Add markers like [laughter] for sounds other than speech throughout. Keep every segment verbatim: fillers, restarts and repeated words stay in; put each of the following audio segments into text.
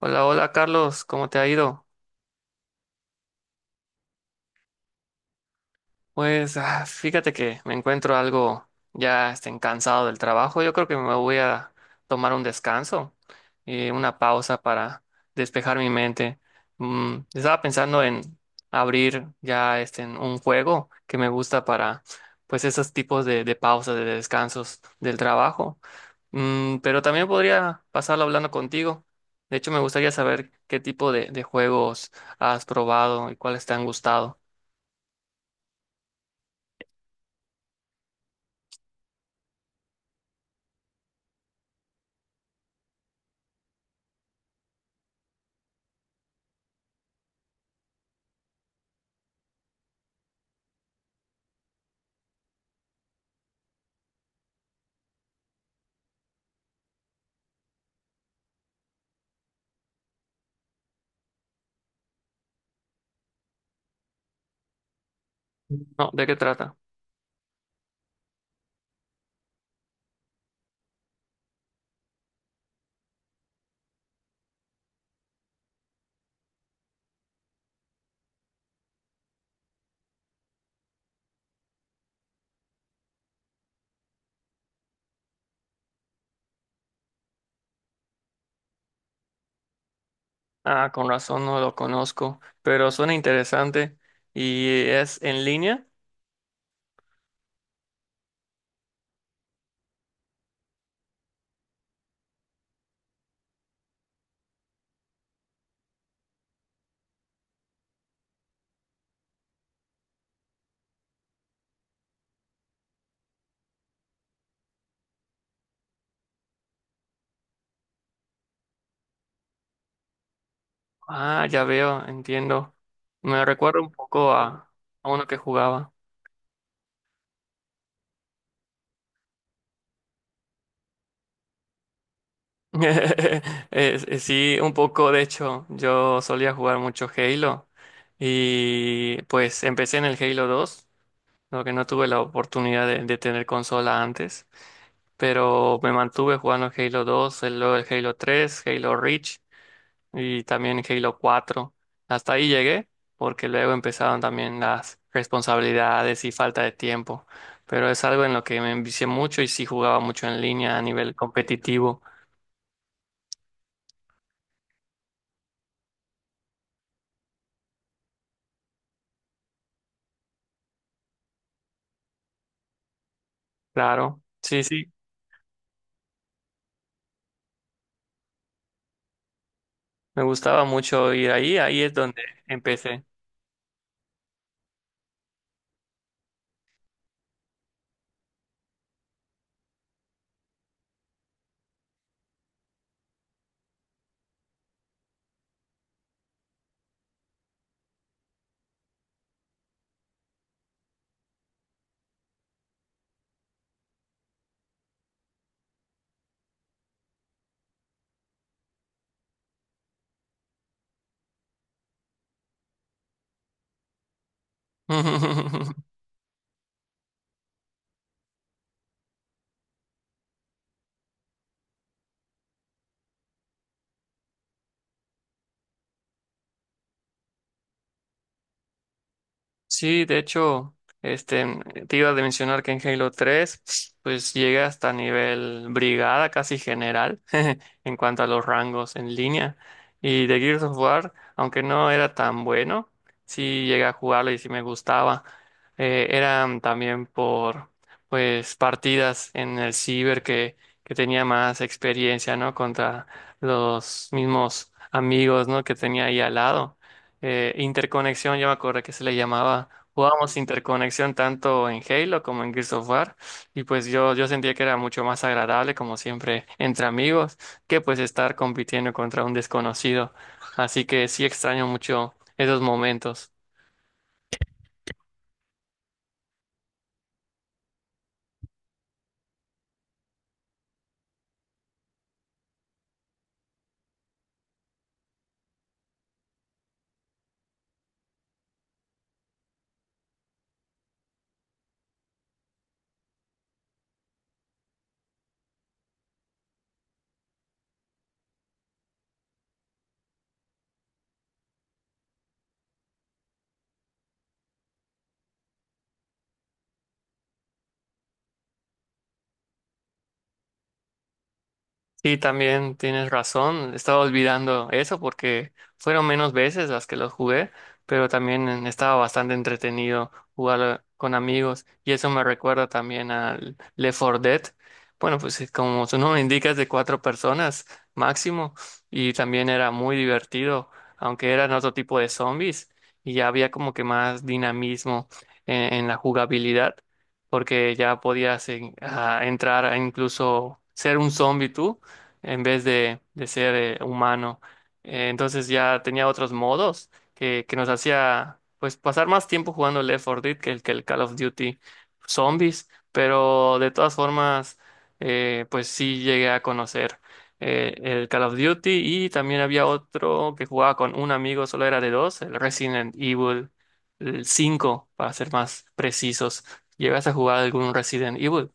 Hola, hola Carlos, ¿cómo te ha ido? Pues ah, fíjate que me encuentro algo ya este, cansado del trabajo. Yo creo que me voy a tomar un descanso, eh, una pausa para despejar mi mente. Mm, estaba pensando en abrir ya este, en un juego que me gusta para pues esos tipos de, de pausas, de descansos del trabajo. Mm, pero también podría pasarlo hablando contigo. De hecho, me gustaría saber qué tipo de, de juegos has probado y cuáles te han gustado. No, ¿de qué trata? Ah, con razón no lo conozco, pero suena interesante. ¿Y es en línea? Ah, ya veo, entiendo. Me recuerda un poco a, a uno que jugaba. [laughs] Es- es- sí, un poco, de hecho, yo solía jugar mucho Halo y pues empecé en el Halo dos, lo que no tuve la oportunidad de, de tener consola antes, pero me mantuve jugando Halo dos, el- luego el Halo tres, Halo Reach, y también Halo cuatro. Hasta ahí llegué, porque luego empezaron también las responsabilidades y falta de tiempo. Pero es algo en lo que me envicié mucho y sí jugaba mucho en línea a nivel competitivo. Claro, sí, sí, me gustaba mucho ir ahí, ahí es donde empecé. [laughs] Sí, de hecho, este, te iba a mencionar que en Halo tres, pues llega hasta nivel brigada, casi general, [laughs] en cuanto a los rangos en línea. Y de Gears of War, aunque no era tan bueno, sí llegué a jugarlo y sí me gustaba. Eh, eran también por, pues, partidas en el ciber que, que tenía más experiencia, ¿no? Contra los mismos amigos, ¿no? Que tenía ahí al lado. Eh, interconexión, yo me acuerdo que se le llamaba. Jugábamos interconexión tanto en Halo como en Gears of War, y pues yo, yo sentía que era mucho más agradable, como siempre, entre amigos, que pues estar compitiendo contra un desconocido. Así que sí extraño mucho esos momentos. Sí, también tienes razón. Estaba olvidando eso porque fueron menos veces las que los jugué, pero también estaba bastante entretenido jugar con amigos, y eso me recuerda también al Left cuatro Dead. Bueno, pues sí, como su nombre indica es de cuatro personas máximo, y también era muy divertido, aunque eran otro tipo de zombies y ya había como que más dinamismo en, en la jugabilidad, porque ya podías en- a entrar a incluso ser un zombie tú en vez de, de ser eh, humano. Eh, entonces ya tenía otros modos que, que nos hacía pues pasar más tiempo jugando el Left four Dead que el, que el Call of Duty Zombies, pero de todas formas eh, pues sí llegué a conocer eh, el Call of Duty, y también había otro que jugaba con un amigo, solo era de dos, el Resident Evil el cinco para ser más precisos. ¿Llegas a jugar algún Resident Evil?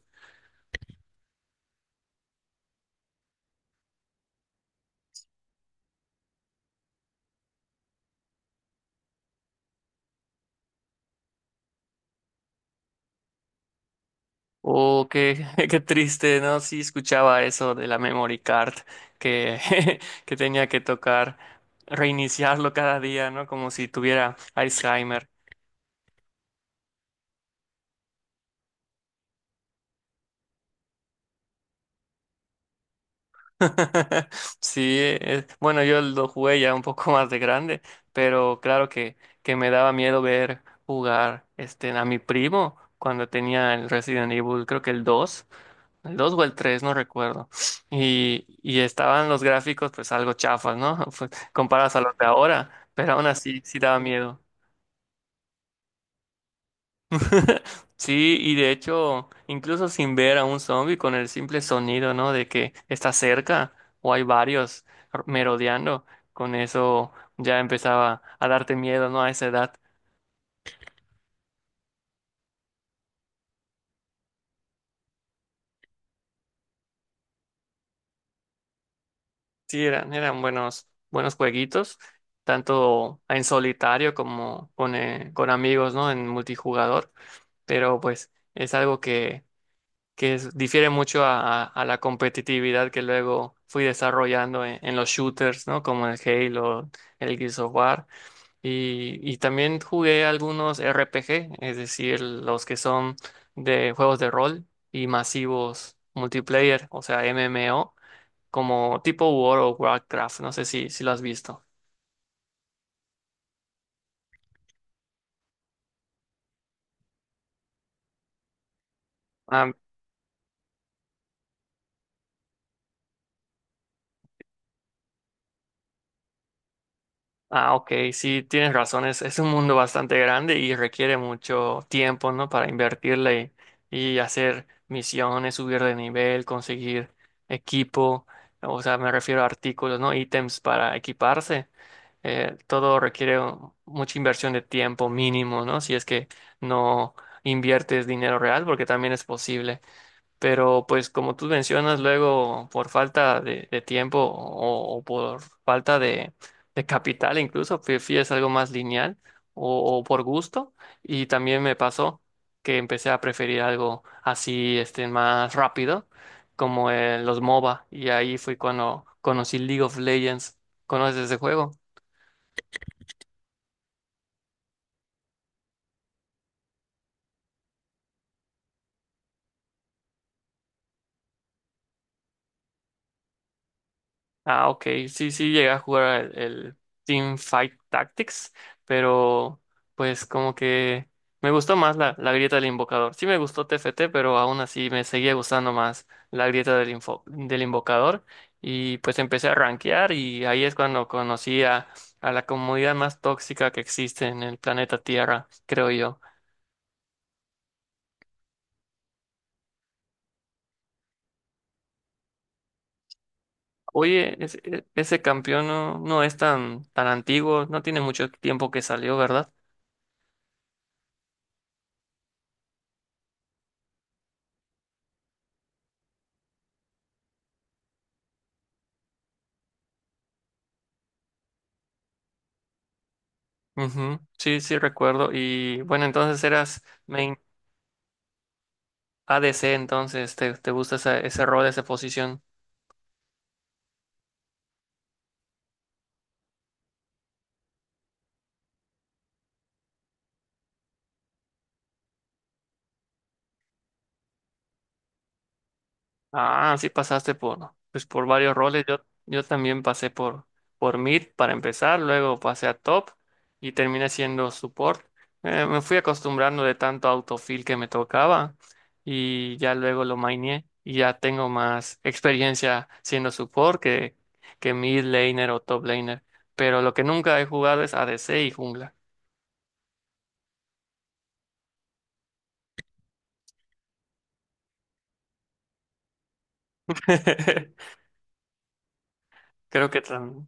Oh, qué, [laughs] qué triste, ¿no? Sí, escuchaba eso de la memory card que, [laughs] que tenía que tocar reiniciarlo cada día, ¿no? Como si tuviera Alzheimer. [laughs] Sí, eh, bueno, yo lo jugué ya un poco más de grande, pero claro que, que me daba miedo ver jugar este, a mi primo cuando tenía el Resident Evil, creo que el dos, el dos o el tres, no recuerdo. Y, y estaban los gráficos pues algo chafas, ¿no? [laughs] Pues, comparados a los de ahora, pero aún así sí daba miedo. [laughs] Sí, y de hecho, incluso sin ver a un zombie, con el simple sonido, ¿no? De que está cerca o hay varios merodeando, con eso ya empezaba a darte miedo, ¿no? A esa edad. Sí, eran, eran buenos, buenos jueguitos, tanto en solitario como con, eh, con amigos, ¿no? En multijugador, pero pues es algo que, que es- difiere mucho a, a- a la competitividad que luego fui desarrollando en, en los shooters, ¿no? Como el Halo, el Gears of War, y, y también jugué algunos R P G, es decir, los que son de juegos de rol y masivos multiplayer, o sea, M M O, como tipo World of Warcraft, no sé si, si lo has visto. Ah, ah, ok, sí, tienes razón, es, es un mundo bastante grande y requiere mucho tiempo, ¿no? Para invertirle y, y hacer misiones, subir de nivel, conseguir equipo, o sea, me refiero a artículos, ¿no? Ítems para equiparse. Eh, todo requiere un- mucha inversión de tiempo mínimo, ¿no? Si es que no inviertes dinero real, porque también es posible. Pero pues como tú mencionas, luego por falta de, de tiempo o, o por falta de, de capital incluso, prefieres algo más lineal o, o por gusto. Y también me pasó que empecé a preferir algo así, este, más rápido, como eh, los MOBA. Y ahí fue cuando conocí League of Legends. ¿Conoces ese juego? Ah, ok. Sí, sí, llegué a jugar el, el Team Fight Tactics, pero pues como que me gustó más la, la grieta del invocador. Sí me gustó T F T, pero aún así me seguía gustando más la grieta del, info- del invocador. Y pues empecé a rankear, y ahí es cuando conocí a, a la comunidad más tóxica que existe en el planeta Tierra, creo yo. Oye, ese, ese campeón no, no es tan, tan antiguo, no tiene mucho tiempo que salió, ¿verdad? Ujú, sí, sí, recuerdo. Y bueno, entonces eras main A D C, entonces te, te gusta esa- ese rol, esa posición. Ah, sí pasaste por, pues, por varios roles. Yo, yo también pasé por, por mid para empezar, luego pasé a top y terminé siendo support. Eh, me fui acostumbrando de tanto autofill que me tocaba y ya luego lo maineé, y ya tengo más experiencia siendo support que, que mid laner o top laner. Pero lo que nunca he jugado es A D C y jungla. [laughs] Creo que tam-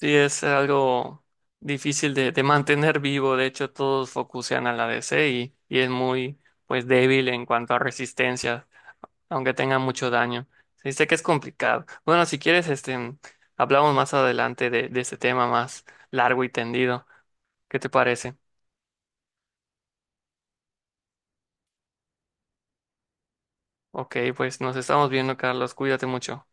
sí es algo difícil de, de mantener vivo. De hecho, todos focusean a la D C y, y es muy pues débil en cuanto a resistencia, aunque tenga mucho daño. Sí, sé que es complicado. Bueno, si quieres, este, hablamos más adelante de, de este tema más largo y tendido. ¿Qué te parece? Ok, pues nos estamos viendo, Carlos. Cuídate mucho.